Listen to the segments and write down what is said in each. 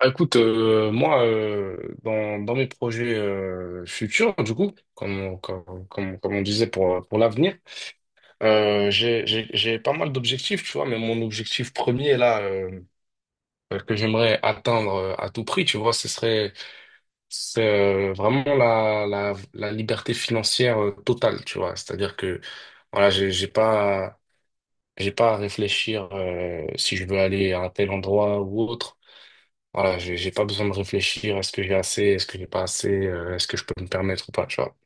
Bah, écoute, moi, dans mes projets futurs, du coup, comme on disait pour l'avenir, j'ai pas mal d'objectifs, tu vois, mais mon objectif premier, là, que j'aimerais atteindre à tout prix, tu vois, c'est, vraiment la liberté financière totale, tu vois. C'est-à-dire que, voilà, j'ai pas à réfléchir si je veux aller à un tel endroit ou autre. Voilà, j'ai pas besoin de réfléchir à ce que j'ai assez, est-ce que j'ai pas assez, est-ce que je peux me permettre ou pas, tu vois.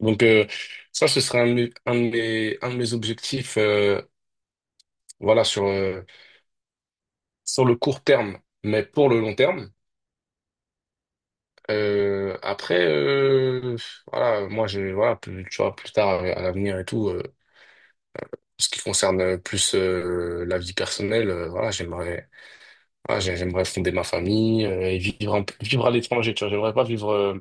Donc ça, ce serait un de mes objectifs, voilà, sur sur le court terme, mais pour le long terme. Euh, après, euh, voilà, moi, je, voilà, plus, tu vois, plus tard à l'avenir et tout, ce qui concerne plus la vie personnelle, voilà, j'aimerais, voilà, j'aimerais fonder ma famille et vivre à l'étranger, tu vois. J'aimerais pas vivre euh,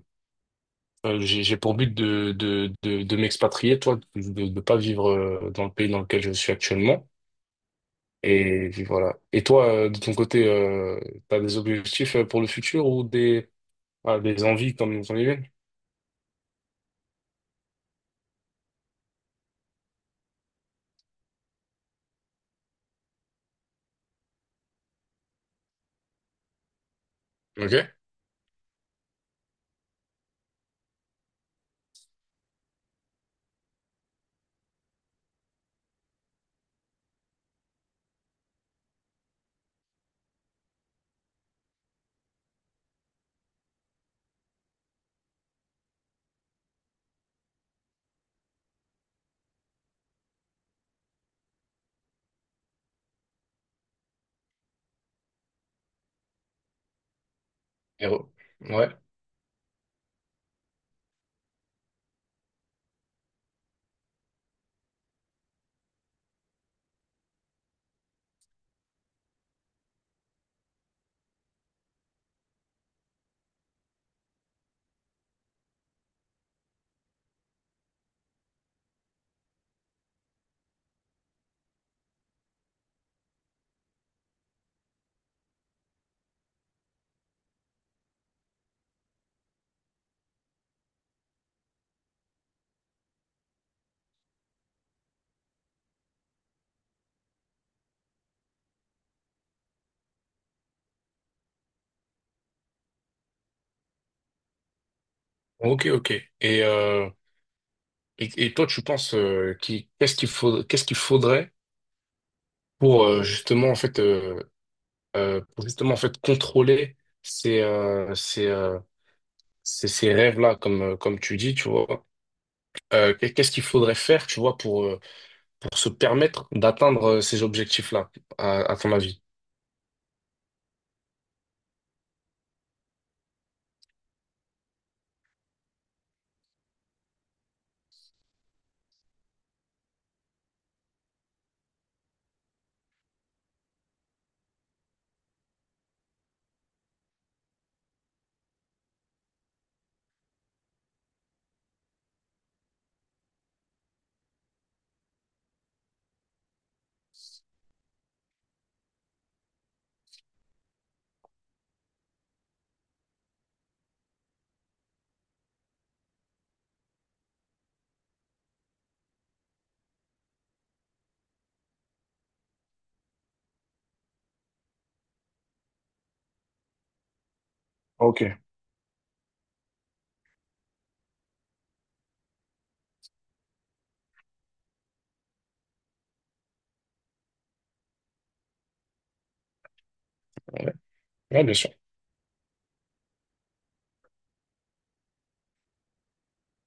Euh, j'ai, j'ai pour but de m'expatrier, toi, de ne pas vivre dans le pays dans lequel je suis actuellement. Et puis voilà. Et toi, de ton côté, tu as des objectifs pour le futur ou des, ah, des envies comme on y vient? Ok. Et re- Ouais. Ok, ok. Et, et toi, tu penses qui, qu'est-ce qu'il faut, qu'est-ce qu'il faudrait pour pour justement en fait contrôler ces, euh, ces, euh, ces rêves-là, comme, comme tu dis, tu vois. Qu'est-ce qu'il faudrait faire, tu vois, pour se permettre d'atteindre ces objectifs-là, à ton avis? Ok. Ouais, ouais, bien sûr.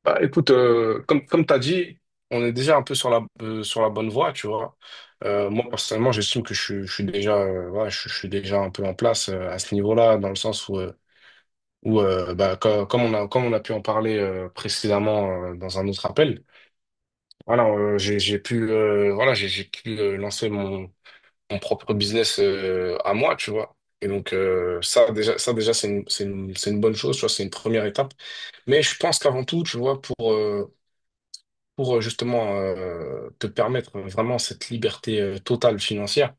Bah, écoute, comme tu as dit, on est déjà un peu sur sur la bonne voie, tu vois. Moi, personnellement, j'estime que je suis déjà, ouais, je suis déjà un peu en place à ce niveau-là, dans le sens où, bah, comme on a pu en parler précédemment dans un autre appel, voilà, j'ai pu, voilà, j'ai pu lancer mon, mon propre business à moi, tu vois. Et donc, ça, déjà, c'est c'est une bonne chose, tu vois, c'est une première étape. Mais je pense qu'avant tout, tu vois, pour justement te permettre vraiment cette liberté totale financière,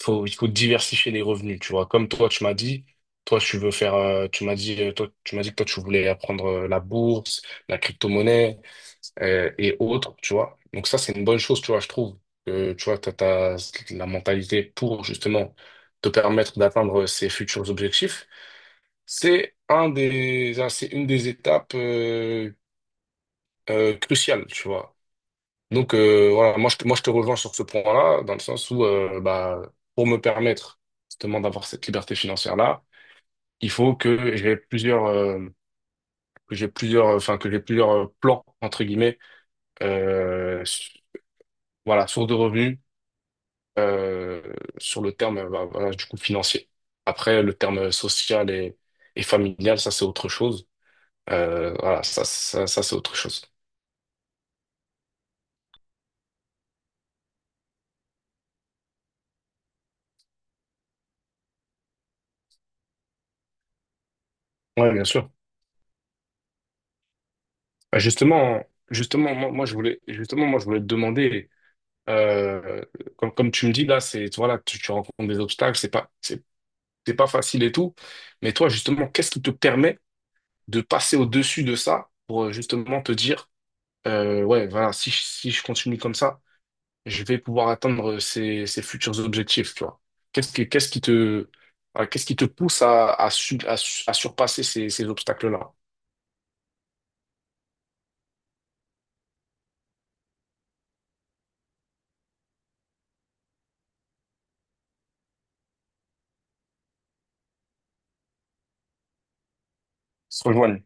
il faut diversifier les revenus, tu vois. Comme toi, tu m'as dit, toi, tu veux faire, tu m'as dit, toi, tu m'as dit que toi, tu voulais apprendre la bourse, la crypto-monnaie et autres, tu vois. Donc ça, c'est une bonne chose, tu vois, je trouve. Que tu vois, t'as la mentalité pour justement te permettre d'atteindre ces futurs objectifs. C'est une des étapes cruciales, tu vois. Donc voilà, moi je te rejoins sur ce point-là, dans le sens où bah, pour me permettre justement d'avoir cette liberté financière-là, il faut que j'ai plusieurs, enfin que j'ai plusieurs plans entre guillemets, euh, s- voilà, sources de revenus euh, sur le terme, bah, voilà, du coup, financier. Après, le terme social et familial, ça, c'est autre chose. Ça, c'est autre chose. Ouais, bien sûr. Bah, justement, moi, je voulais te demander, euh, comme tu me dis là, c'est, voilà, tu rencontres des obstacles, c'est pas facile et tout. Mais toi, justement, qu'est-ce qui te permet de passer au-dessus de ça pour justement te dire, ouais, voilà, si je continue comme ça, je vais pouvoir atteindre ces, ces futurs objectifs, tu vois. Qu'est-ce qui te, voilà, qu'est-ce qui te pousse à surpasser ces, ces obstacles-là? Se rejoignent.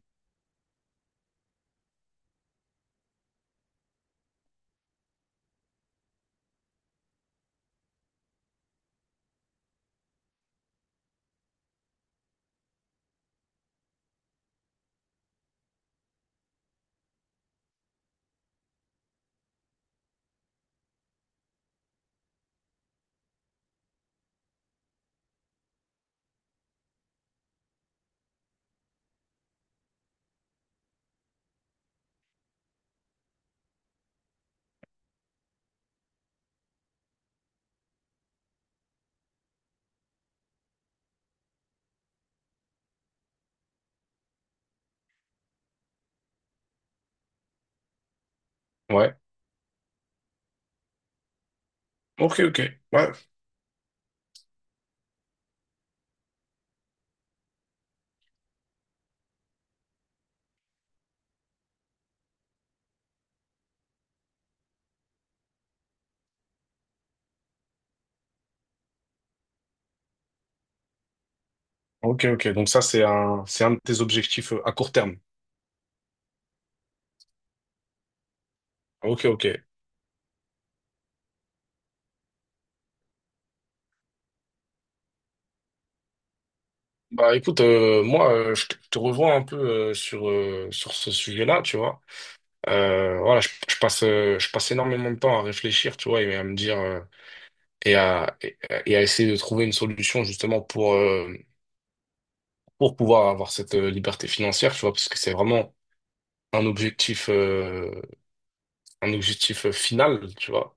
Ouais. Ok, ok. Ouais. Ok, ok. Donc ça, c'est c'est un de tes objectifs à court terme. Ok, ok. Bah écoute, moi, je te revois un peu sur ce sujet-là, tu vois. Voilà, je passe énormément de temps à réfléchir, tu vois, et à me dire, et à, et et à essayer de trouver une solution justement pour pouvoir avoir cette liberté financière, tu vois, parce que c'est vraiment un objectif, final, tu vois.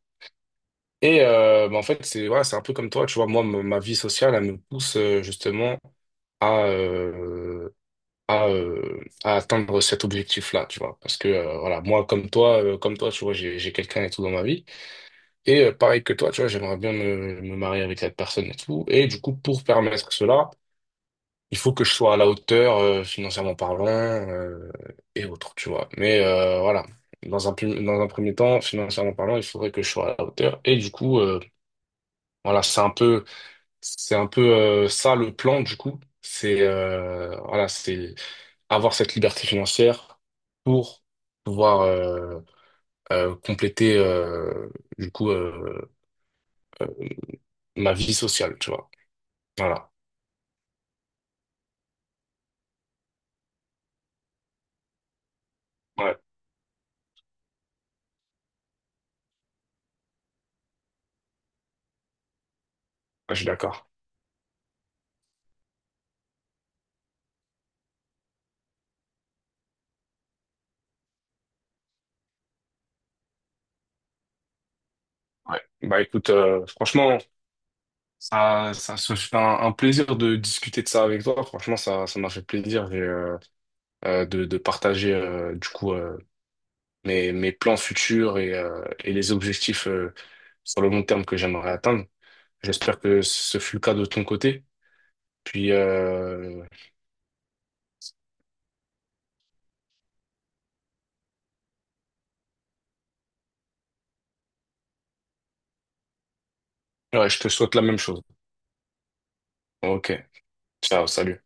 Et bah, en fait, c'est voilà, c'est un peu comme toi, tu vois, moi, ma vie sociale, elle me pousse justement à, euh, à atteindre cet objectif-là, tu vois. Parce que voilà, moi, comme toi, tu vois, j'ai quelqu'un et tout dans ma vie. Et pareil que toi, tu vois, j'aimerais bien me marier avec cette personne et tout. Et du coup, pour permettre cela, il faut que je sois à la hauteur, financièrement parlant, et autres, tu vois. Mais voilà, dans un premier temps, financièrement parlant, il faudrait que je sois à la hauteur. Et du coup, voilà, c'est un peu ça le plan, du coup. C'est voilà, c'est avoir cette liberté financière pour pouvoir compléter du coup euh, euh, ma vie sociale, tu vois. Voilà. Ouais, je suis d'accord. Ouais. Bah écoute, franchement. Ça se fait un plaisir de discuter de ça avec toi. Franchement, ça m'a fait plaisir et, de partager mes, mes plans futurs et les objectifs sur le long terme que j'aimerais atteindre. J'espère que ce fut le cas de ton côté. Puis, ouais, je te souhaite la même chose. Ok. Ciao, salut.